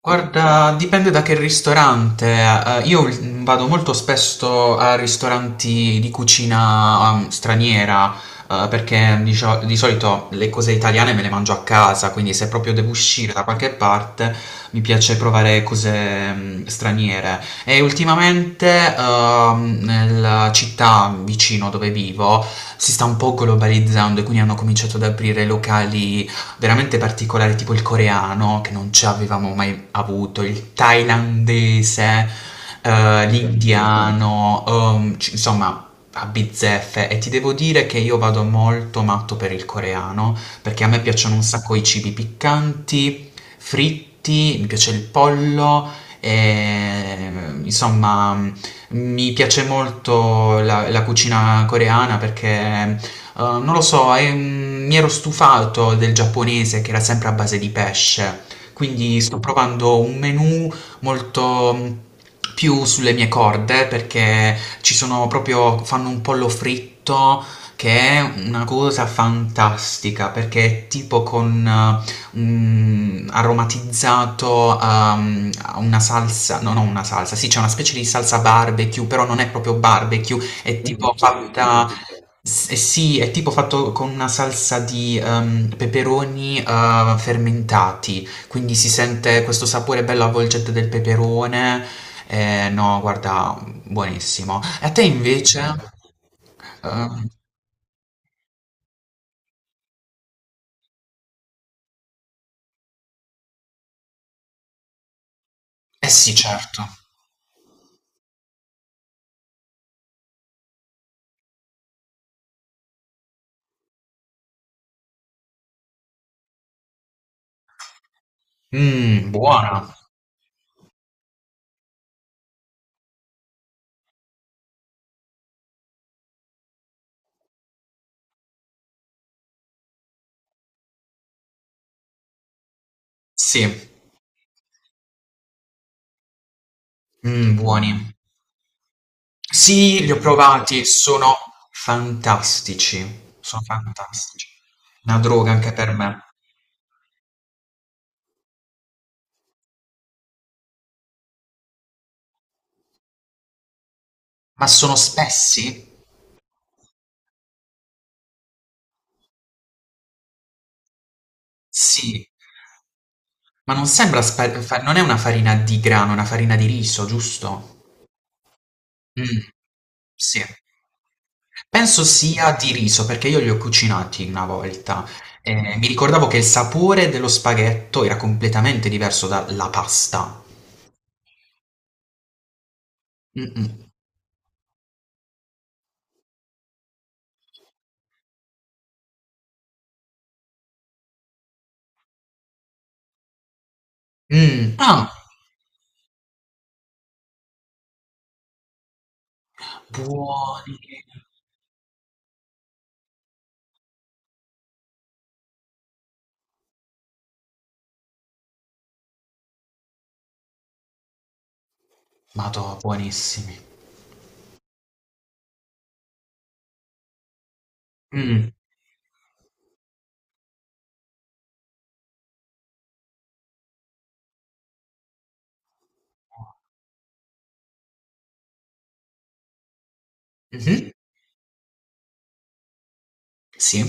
Guarda, dipende da che ristorante. Io vado molto spesso a ristoranti di cucina, straniera, perché di solito le cose italiane me le mangio a casa, quindi se proprio devo uscire da qualche parte mi piace provare cose, straniere. E ultimamente, nella città vicino dove vivo si sta un po' globalizzando e quindi hanno cominciato ad aprire locali veramente particolari, tipo il coreano, che non ci avevamo mai avuto, il thailandese, l'indiano, insomma, a bizzeffe. E ti devo dire che io vado molto matto per il coreano, perché a me piacciono un sacco i cibi piccanti, fritti, mi piace il pollo, e, insomma... Mi piace molto la cucina coreana perché non lo so, mi ero stufato del giapponese che era sempre a base di pesce, quindi sto provando un menù molto più sulle mie corde perché ci sono proprio, fanno un pollo fritto che è una cosa fantastica perché è tipo con un aromatizzato a una salsa, no, non una salsa, sì, c'è una specie di salsa barbecue, però non è proprio barbecue, è tipo fatta. Eh sì, è tipo fatto con una salsa di peperoni fermentati, quindi si sente questo sapore bello avvolgente del peperone. No, guarda, buonissimo. E a te invece? Eh, eh sì, certo. Mmm, buona. Sì, mm, buoni. Sì, li ho provati, sono fantastici. Sono fantastici. Una droga anche per me. Ma sono spessi? Sì. Ma non sembra spa fa non è una farina di grano, è una farina di riso, giusto? Mh, sì. Penso sia di riso, perché io li ho cucinati una volta e mi ricordavo che il sapore dello spaghetto era completamente diverso dalla pasta. Mh-mh. Ah, buoni. Madò, buonissimi. Mh. Mh-mh. Sì.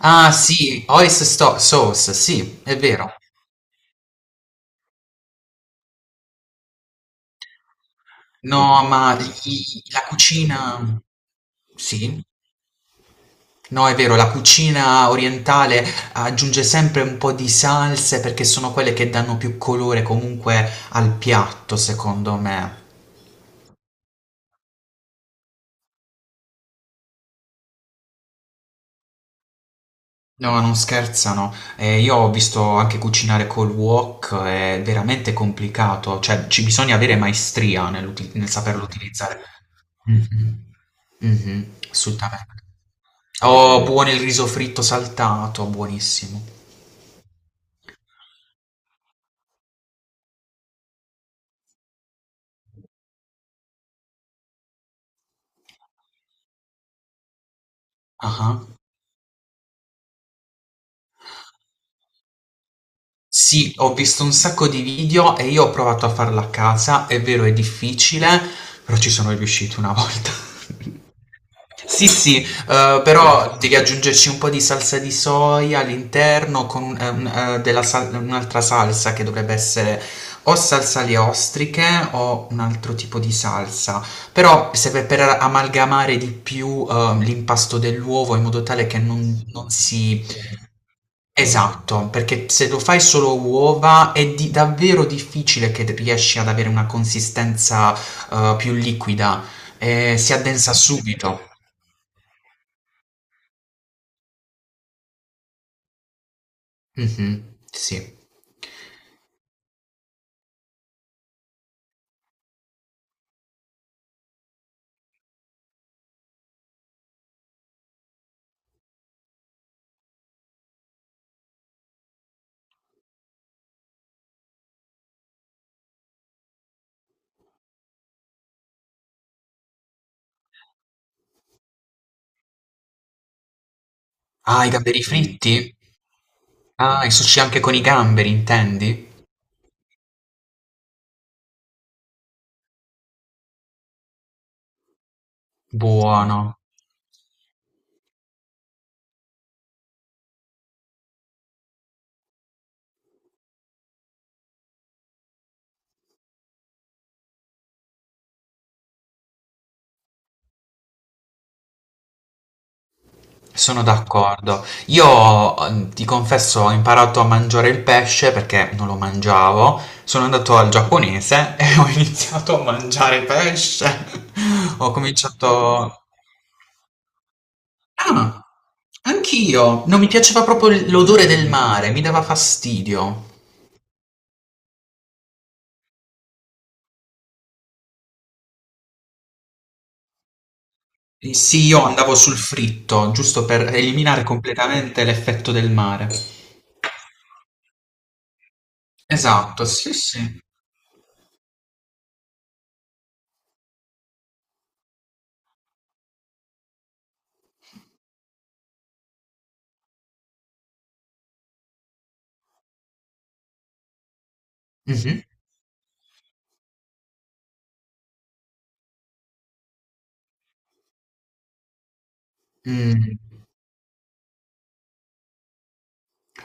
Ah, sì, oyster sto sauce, sì, è vero. No, ma i la cucina sì. No, è vero, la cucina orientale aggiunge sempre un po' di salse perché sono quelle che danno più colore comunque al piatto, secondo me. No, non scherzano. Io ho visto anche cucinare col wok, è veramente complicato, cioè ci bisogna avere maestria nel saperlo utilizzare. Mhm. Mhm, assolutamente. Oh, eh, buono il riso fritto saltato, buonissimo. Ah. Sì, ho visto un sacco di video e io ho provato a farla a casa, è vero è difficile, però ci sono riuscito una volta. Sì, sì, però devi aggiungerci un po' di salsa di soia all'interno con un'altra salsa che dovrebbe essere o salsa alle ostriche o un altro tipo di salsa. Però serve per amalgamare di più l'impasto dell'uovo in modo tale che non si. Esatto, perché se lo fai solo uova è di davvero difficile che riesci ad avere una consistenza, più liquida, si addensa subito. Mh-mh, sì. Ah, i gamberi fritti? Ah, il sushi anche con i gamberi intendi? Buono. Sono d'accordo. Io ti confesso, ho imparato a mangiare il pesce perché non lo mangiavo. Sono andato al giapponese e ho iniziato a mangiare pesce. Ho cominciato... Ah, anch'io. Non mi piaceva proprio l'odore del mare, mi dava fastidio. Sì, io andavo sul fritto, giusto per eliminare completamente l'effetto del mare. Esatto, sì, sì. Mhm. Mm.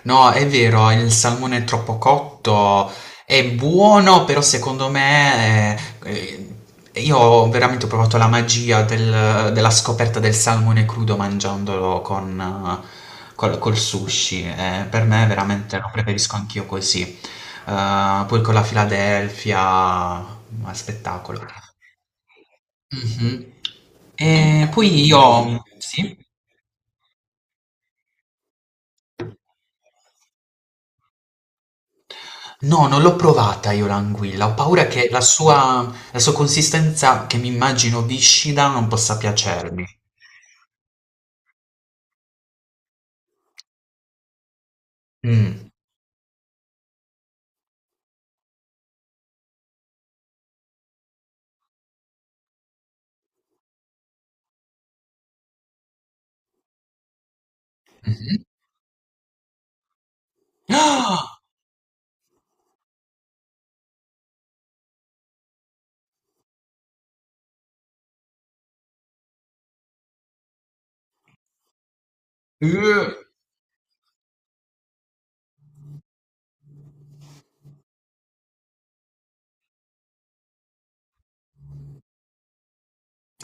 No, è vero, il salmone è troppo cotto è buono, però secondo me eh, io ho veramente provato la magia della scoperta del salmone crudo mangiandolo con, col, col sushi. Eh, per me veramente lo preferisco anch'io così. Poi con la Philadelphia, ma spettacolo. Mhm. E poi io... Sì? No, non l'ho provata io l'anguilla, ho paura che la sua consistenza, che mi immagino viscida, non possa piacermi. Mm. Mhm. Ah! Eh!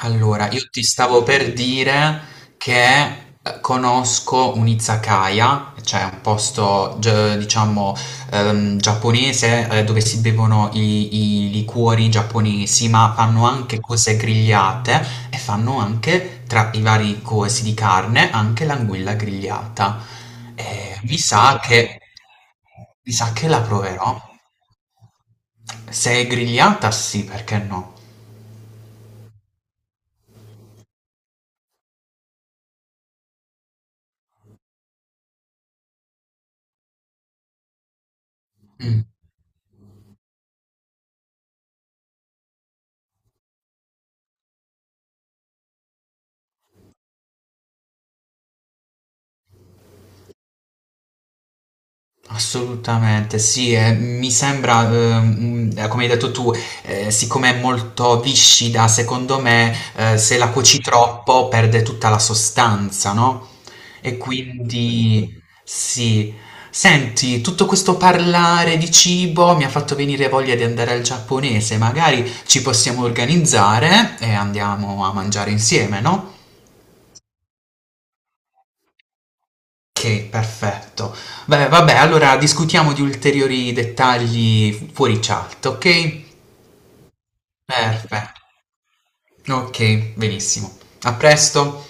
Allora, io ti stavo per dire che conosco un izakaya, cioè un posto, diciamo, giapponese dove si bevono i liquori giapponesi, ma fanno anche cose grigliate e fanno anche, tra i vari cosi di carne, anche l'anguilla grigliata. Eh, mi sa che, mi sa che la proverò. Se è grigliata, sì, perché no? Mm. Assolutamente, sì, mi sembra, come hai detto tu, siccome è molto viscida, secondo me, se la cuoci troppo perde tutta la sostanza, no? E quindi, sì. Senti, tutto questo parlare di cibo mi ha fatto venire voglia di andare al giapponese, magari ci possiamo organizzare e andiamo a mangiare insieme, no? Ok, perfetto. Beh, vabbè, allora discutiamo di ulteriori dettagli fuori chat, ok? Perfetto. Ok, benissimo. A presto.